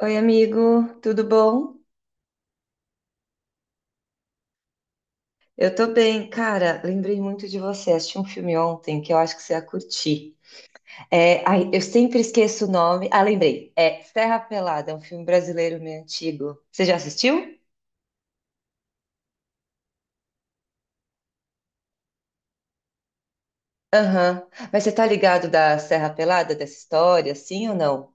Oi, amigo, tudo bom? Eu tô bem, cara. Lembrei muito de você. Assisti um filme ontem que eu acho que você ia curtir. Eu sempre esqueço o nome. Ah, lembrei. É Serra Pelada, é um filme brasileiro meio antigo. Você já assistiu? Aham. Mas você tá ligado da Serra Pelada, dessa história, sim ou não?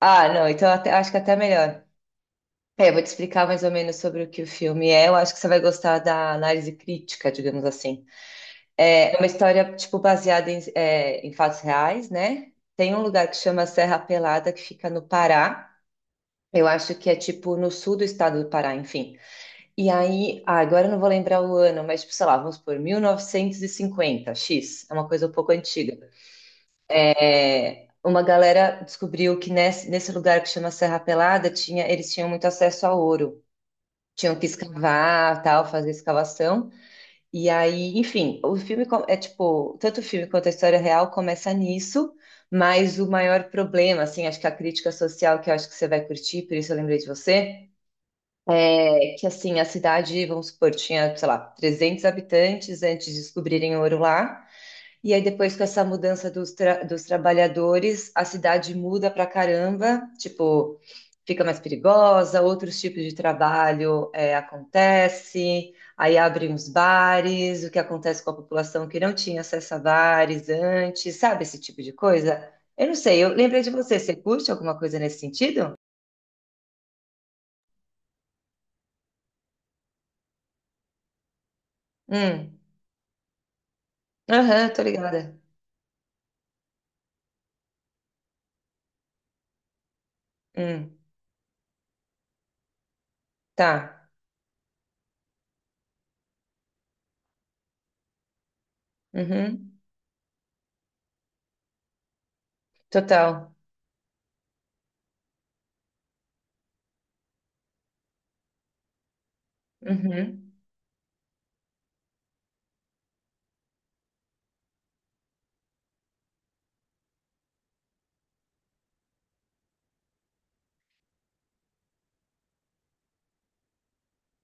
Ah, não, acho que é até melhor. É, eu vou te explicar mais ou menos sobre o que o filme é. Eu acho que você vai gostar da análise crítica, digamos assim. É uma história, tipo, baseada em fatos reais, né? Tem um lugar que chama Serra Pelada, que fica no Pará. Eu acho que é, tipo, no sul do estado do Pará, enfim. Agora eu não vou lembrar o ano, mas, tipo, sei lá, vamos por 1950, X. É uma coisa um pouco antiga. É, uma galera descobriu que nesse lugar que chama Serra Pelada, tinha, eles tinham muito acesso a ouro. Tinham que escavar, tal, fazer escavação. E aí, enfim, é tipo, tanto o filme quanto a história real começa nisso, mas o maior problema, assim, acho que a crítica social que eu acho que você vai curtir, por isso eu lembrei de você, é que assim, a cidade, vamos supor, tinha, sei lá, 300 habitantes antes de descobrirem ouro lá. E aí, depois com essa mudança dos trabalhadores, a cidade muda pra caramba, tipo, fica mais perigosa, outros tipos de trabalho acontece, aí abrem os bares, o que acontece com a população que não tinha acesso a bares antes, sabe esse tipo de coisa? Eu não sei, eu lembrei de você, você curte alguma coisa nesse sentido? Hum, aham, tô ligada. Hum, tá. Uhum, total. Uhum.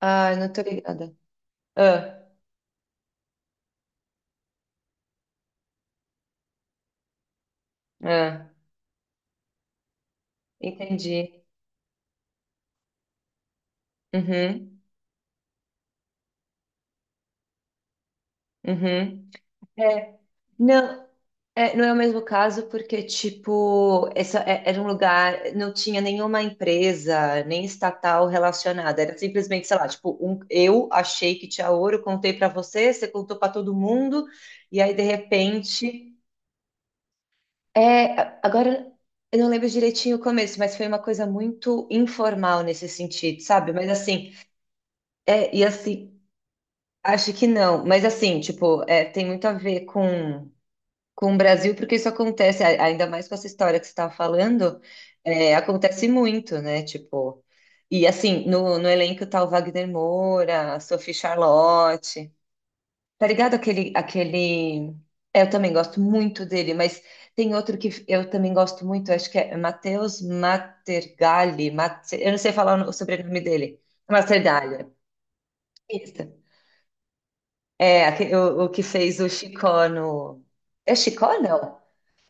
Ai, não tô ligada. Ah, ah. Entendi. Uhum, uhum. É, não, é, não é o mesmo caso porque, tipo, era um lugar, não tinha nenhuma empresa, nem estatal relacionada, era simplesmente, sei lá, tipo, um, eu achei que tinha ouro, contei pra você, você contou pra todo mundo, e aí, de repente, agora, eu não lembro direitinho o começo, mas foi uma coisa muito informal nesse sentido, sabe? Mas assim, é, e assim, acho que não, mas assim, tipo, é, tem muito a ver com o Brasil, porque isso acontece, ainda mais com essa história que você estava falando, é, acontece muito, né? Tipo, e assim, no elenco tá o Wagner Moura, a Sophie Charlotte, tá ligado? Aquele. É, eu também gosto muito dele, mas tem outro que eu também gosto muito, acho que é Matheus Matergalli, eu não sei falar o sobrenome dele, Matergalli. Isso. É, o que fez o Chicó no. É Chicó, não?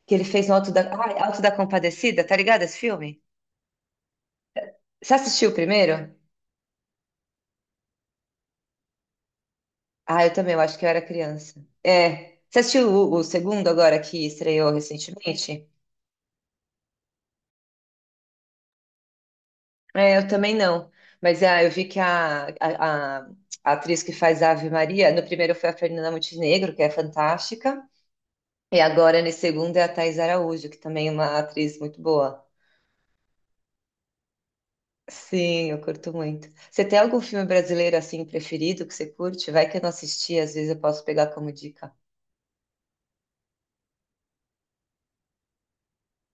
Que ele fez no Alto da Compadecida, tá ligado esse filme? Você assistiu o primeiro? Ah, eu também, eu acho que eu era criança. É. Você assistiu o segundo agora que estreou recentemente? É, eu também não. Mas eu vi que a atriz que faz a Ave Maria, no primeiro foi a Fernanda Montenegro, que é fantástica. E agora, nesse segundo, é a Thais Araújo, que também é uma atriz muito boa. Sim, eu curto muito. Você tem algum filme brasileiro assim preferido que você curte? Vai que eu não assisti, às vezes eu posso pegar como dica.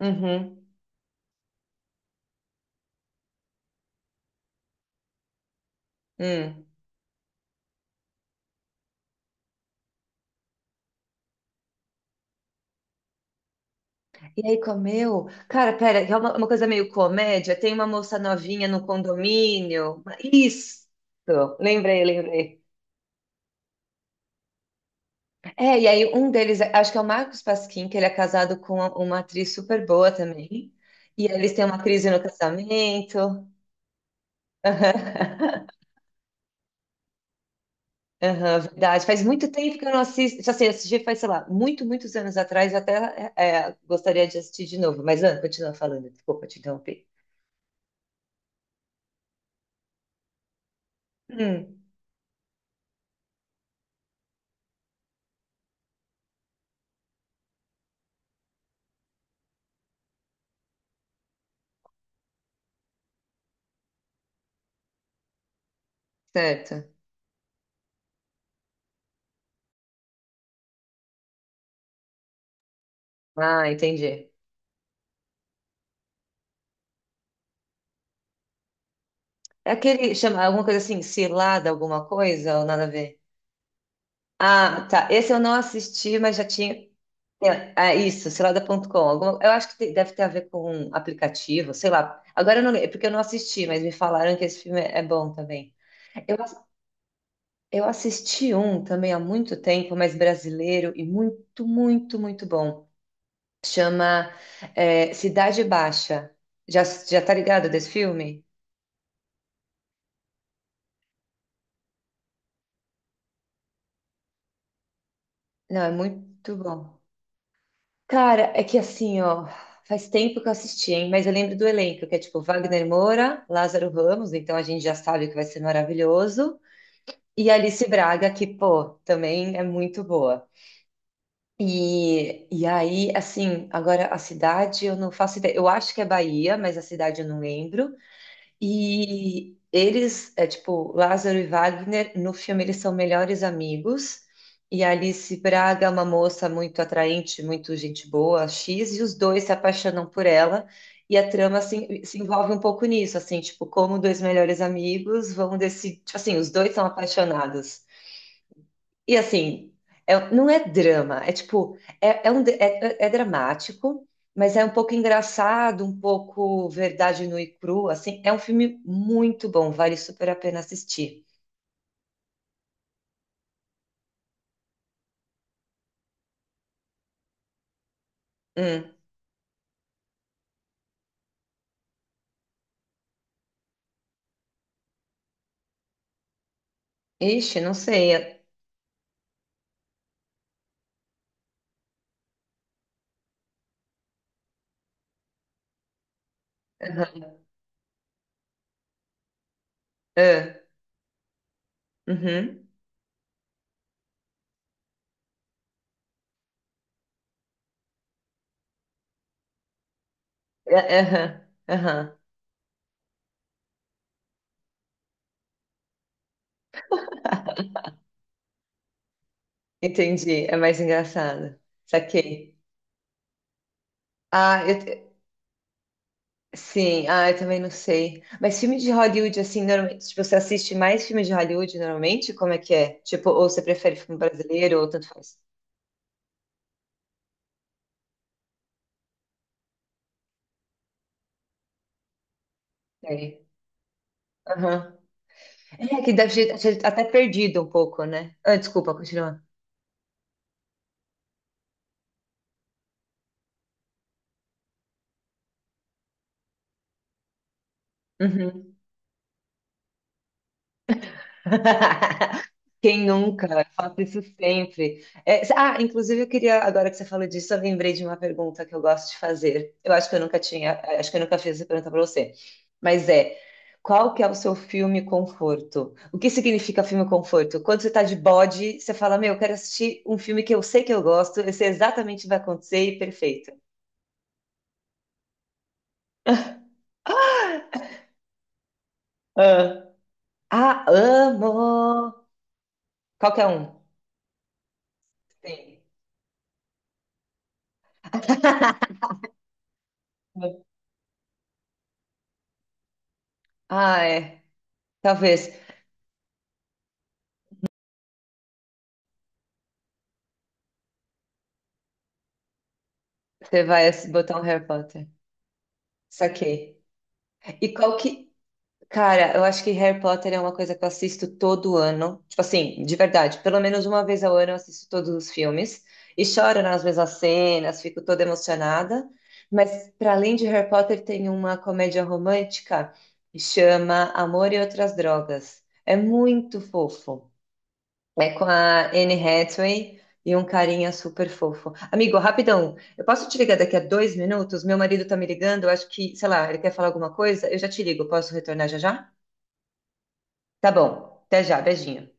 Uhum. Hum. E aí, comeu? Cara, pera, é uma coisa meio comédia. Tem uma moça novinha no condomínio. Isso! Lembrei, lembrei. É, e aí um deles, acho que é o Marcos Pasquim, que ele é casado com uma atriz super boa também. E aí eles têm uma crise no casamento. Aham, verdade. Faz muito tempo que eu não assisto. Assim, assisti faz, sei lá, muito, muitos anos atrás. Gostaria de assistir de novo. Mas, Ana, continua falando. Desculpa te interromper. Hum, certo. Ah, entendi. É aquele, chama alguma coisa assim, cilada, alguma coisa ou nada a ver? Ah, tá. Esse eu não assisti, mas já tinha. É, ah, isso, cilada.com. Alguma... Eu acho que te- deve ter a ver com um aplicativo, sei lá. Agora eu não lembro, porque eu não assisti, mas me falaram que esse filme é bom também. Eu assisti um também há muito tempo, mas brasileiro e muito, muito, muito bom. Chama Cidade Baixa. Já tá ligado desse filme? Não, é muito bom. Cara, é que assim, ó, faz tempo que eu assisti, hein? Mas eu lembro do elenco, que é tipo Wagner Moura, Lázaro Ramos, então a gente já sabe que vai ser maravilhoso. E Alice Braga, que, pô, também é muito boa. Assim, agora a cidade eu não faço ideia. Eu acho que é Bahia, mas a cidade eu não lembro. E eles, é tipo, Lázaro e Wagner, no filme eles são melhores amigos. E a Alice Braga é uma moça muito atraente, muito gente boa, X, e os dois se apaixonam por ela. E a trama se envolve um pouco nisso, assim, tipo, como dois melhores amigos vão decidir. Tipo assim, os dois são apaixonados. E assim, não é drama, é dramático, mas é um pouco engraçado, um pouco verdade nua e crua, assim, é um filme muito bom, vale super a pena assistir. Hum. Ixi, não sei. Aham, é, uhum, é, é, aham, aham. Entendi, é mais engraçado. Saquei. Ah, eu, Sim, ah, eu também não sei. Mas filme de Hollywood, assim, normalmente, tipo, você assiste mais filme de Hollywood normalmente? Como é que é? Tipo, ou você prefere filme brasileiro, ou tanto faz? Sei. Aham. É, que deve ser deve até perdido um pouco, né? Ah, desculpa, continua. Uhum. Quem nunca? Eu faço isso sempre. Inclusive eu queria, agora que você falou disso, eu lembrei de uma pergunta que eu gosto de fazer. Eu acho que eu nunca tinha, eh, acho que eu nunca fiz essa pergunta para você. Mas é, qual que é o seu filme conforto? O que significa filme conforto? Quando você está de bode, você fala, meu, eu quero assistir um filme que eu sei que eu gosto, eu sei exatamente o que vai acontecer e perfeito. Ah, ah, amo! Qualquer um. Sim. Ah, é. Talvez. Você vai botar um Harry Potter. Saquei. E qual que. Cara, eu acho que Harry Potter é uma coisa que eu assisto todo ano. Tipo assim, de verdade, pelo menos uma vez ao ano eu assisto todos os filmes. E choro nas mesmas cenas, fico toda emocionada. Mas, para além de Harry Potter, tem uma comédia romântica que chama Amor e Outras Drogas. É muito fofo. É com a Anne Hathaway e um carinha super fofo. Amigo, rapidão, eu posso te ligar daqui a 2 minutos? Meu marido tá me ligando, eu acho que, sei lá, ele quer falar alguma coisa? Eu já te ligo, posso retornar já já? Tá bom, até já, beijinho.